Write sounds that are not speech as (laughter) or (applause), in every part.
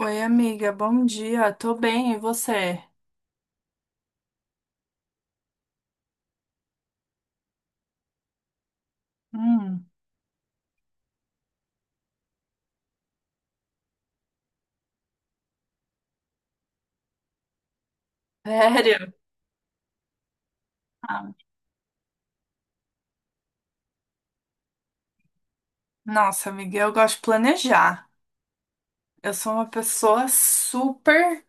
Oi, amiga, bom dia. Tô bem, e você? Hum. Sério? Ah, Nossa, amiga, eu gosto de planejar. Eu sou uma pessoa super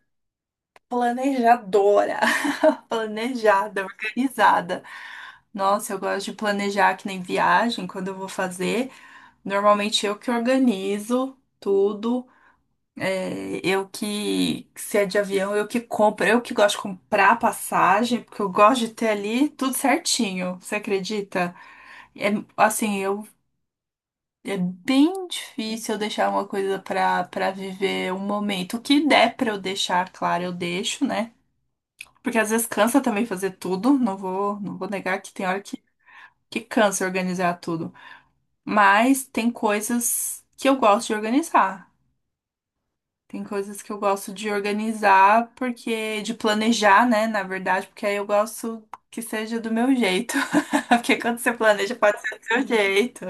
planejadora, (laughs) planejada, organizada. Nossa, eu gosto de planejar que nem viagem, quando eu vou fazer. Normalmente eu que organizo tudo. É, eu que, se é de avião, eu que compro. Eu que gosto de comprar passagem, porque eu gosto de ter ali tudo certinho. Você acredita? É, assim, eu É bem difícil eu deixar uma coisa pra para viver um momento. O que der pra eu deixar, claro, eu deixo, né? Porque às vezes cansa também fazer tudo, não vou negar que tem hora que cansa organizar tudo. Mas tem coisas que eu gosto de organizar. Tem coisas que eu gosto de organizar porque de planejar, né, na verdade, porque aí eu gosto que seja do meu jeito. (laughs) Porque quando você planeja, pode ser do seu jeito.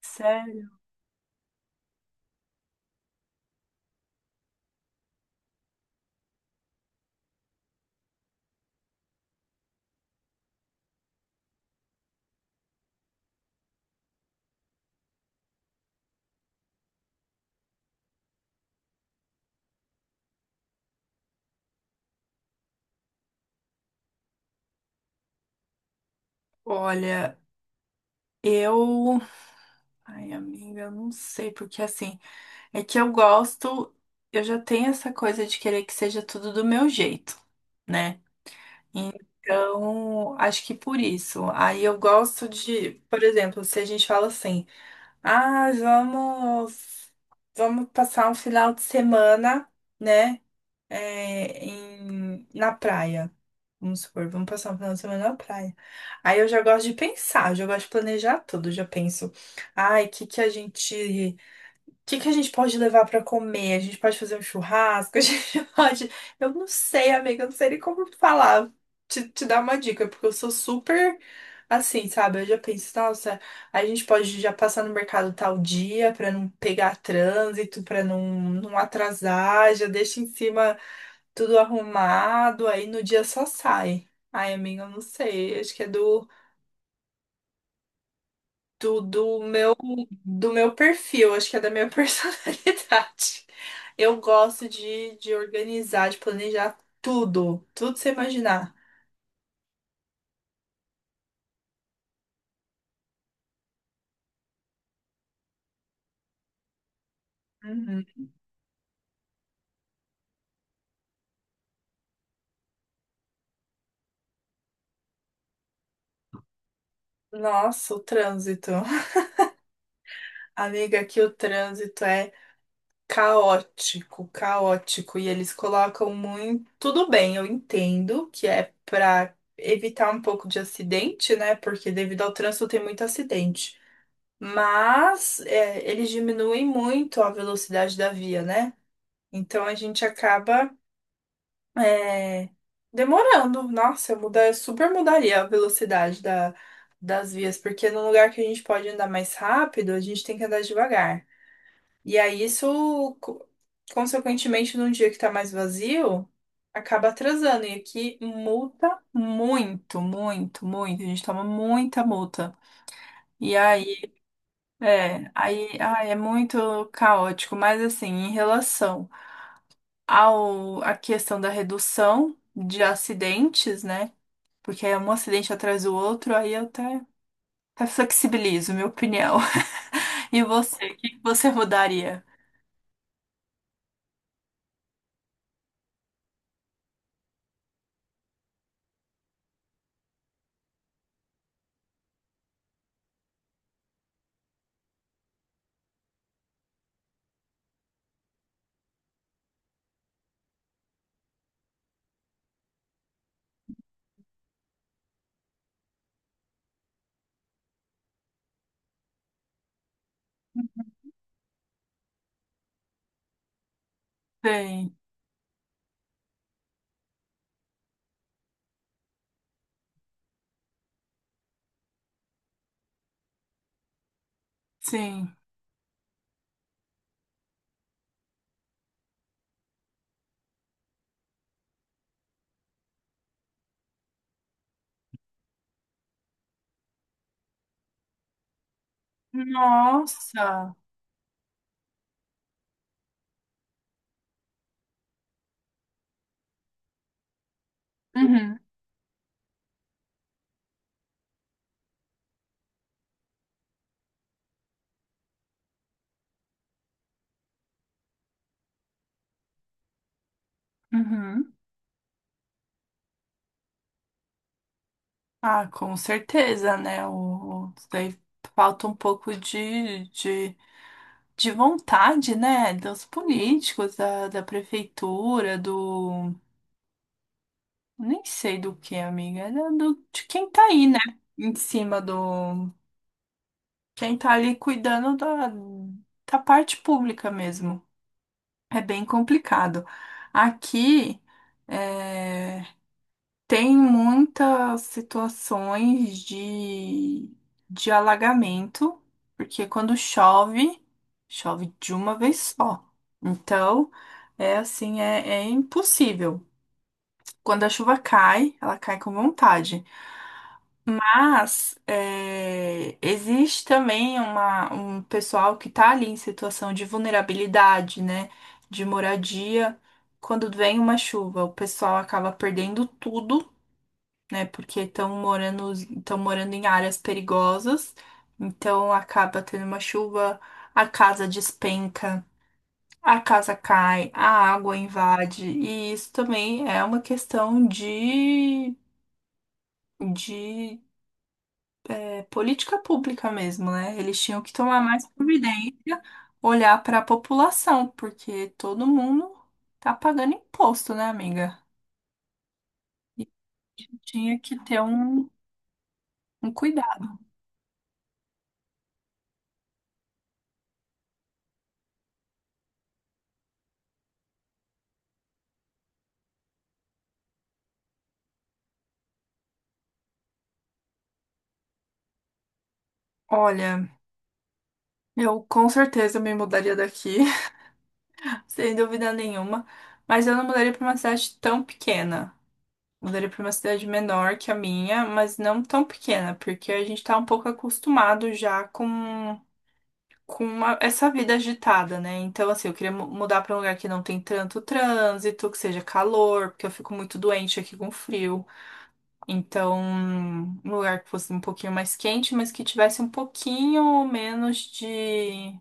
Sério. Olha, eu ai, amiga, eu não sei, porque assim, é que eu gosto, eu já tenho essa coisa de querer que seja tudo do meu jeito, né? Então, acho que por isso. Aí eu gosto de, por exemplo, se a gente fala assim, ah, vamos passar um final de semana, né? Na praia. Vamos supor, vamos passar um final de semana na praia. Aí eu já gosto de pensar, eu já gosto de planejar tudo, eu já penso. Ai, o que que a gente pode levar pra comer? A gente pode fazer um churrasco? (laughs) A gente pode. Eu não sei, amiga, eu não sei nem como falar. Te dar uma dica, porque eu sou super assim, sabe? Eu já penso, nossa, a gente pode já passar no mercado tal dia pra não pegar trânsito, pra não, não atrasar, já deixa em cima tudo arrumado, aí no dia só sai. Ai, amiga, eu não sei. Acho que é do, do meu do meu perfil, acho que é da minha (laughs) personalidade. Eu gosto de organizar, de planejar tudo, tudo que você imaginar. Uhum. Nossa, o trânsito. (laughs) Amiga, aqui o trânsito é caótico, caótico. E eles colocam muito. Tudo bem, eu entendo que é para evitar um pouco de acidente, né? Porque devido ao trânsito tem muito acidente. Mas é, eles diminuem muito a velocidade da via, né? Então a gente acaba é, demorando. Nossa, eu super mudaria a velocidade da, das vias, porque no lugar que a gente pode andar mais rápido, a gente tem que andar devagar. E aí isso, consequentemente, num dia que tá mais vazio, acaba atrasando. E aqui multa muito, muito, muito. A gente toma muita multa. E aí, é muito caótico, mas assim, em relação ao, a questão da redução de acidentes, né? Porque é um acidente atrás do outro, até flexibilizo, minha opinião. (laughs) E você, o que que você mudaria? Sim, sim. Nossa! Uhum, uhum. Ah, com certeza, né? Daí falta um pouco de vontade, né? Dos políticos, da, da prefeitura, do. Nem sei do que, amiga. Era do, de quem tá aí, né? Em cima do. Quem tá ali cuidando da, da parte pública mesmo. É bem complicado. Aqui é, tem muitas situações de alagamento, porque quando chove, chove de uma vez só. Então, é, é impossível. Quando a chuva cai, ela cai com vontade. Mas é, existe também uma, um pessoal que está ali em situação de vulnerabilidade, né? De moradia. Quando vem uma chuva, o pessoal acaba perdendo tudo, né? Porque estão morando em áreas perigosas. Então acaba tendo uma chuva, a casa despenca, a casa cai, a água invade. E isso também é uma questão de política pública mesmo, né? Eles tinham que tomar mais providência, olhar para a população, porque todo mundo tá pagando imposto, né, amiga? Tinha que ter um, um cuidado. Olha, eu com certeza me mudaria daqui, (laughs) sem dúvida nenhuma, mas eu não mudaria para uma cidade tão pequena. Mudaria para uma cidade menor que a minha, mas não tão pequena, porque a gente tá um pouco acostumado já com essa vida agitada, né? Então, assim, eu queria mudar pra um lugar que não tem tanto trânsito, que seja calor, porque eu fico muito doente aqui com frio. Então, um lugar que fosse um pouquinho mais quente, mas que tivesse um pouquinho menos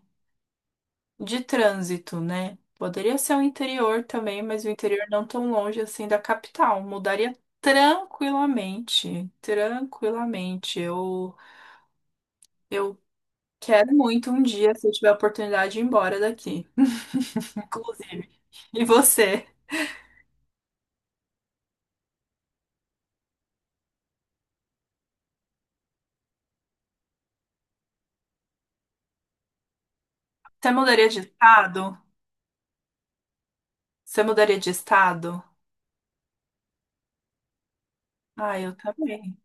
de trânsito, né? Poderia ser o interior também, mas o interior não tão longe assim da capital. Mudaria tranquilamente, tranquilamente. Eu quero muito um dia, se eu tiver a oportunidade, ir embora daqui. (laughs) Inclusive. E você? Você mudaria de estado? Você mudaria de estado? Ah, eu também.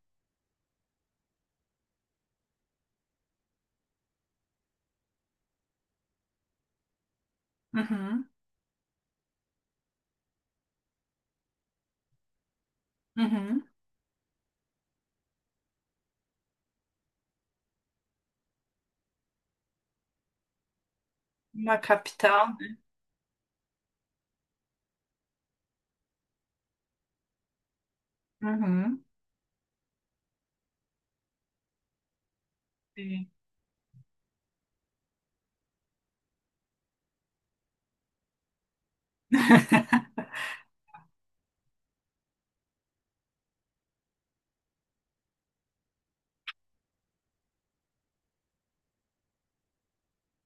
Uhum, uhum. Uma capital? Uhum. Sim, (laughs)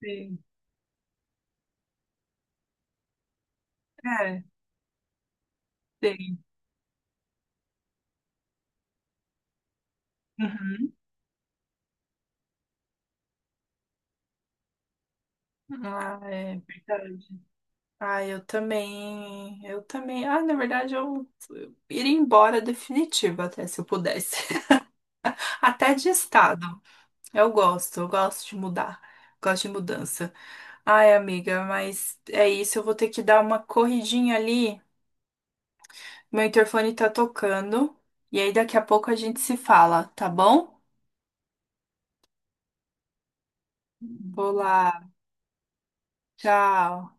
sim. É, sim. Uhum. Ah, é verdade. Ah, eu também. Eu também. Ah, na verdade, eu iria embora definitivo até se eu pudesse. (laughs) Até de estado. Eu gosto de mudar. Gosto de mudança. Ai, amiga, mas é isso. Eu vou ter que dar uma corridinha ali. Meu interfone tá tocando. E aí daqui a pouco a gente se fala, tá bom? Vou lá. Tchau.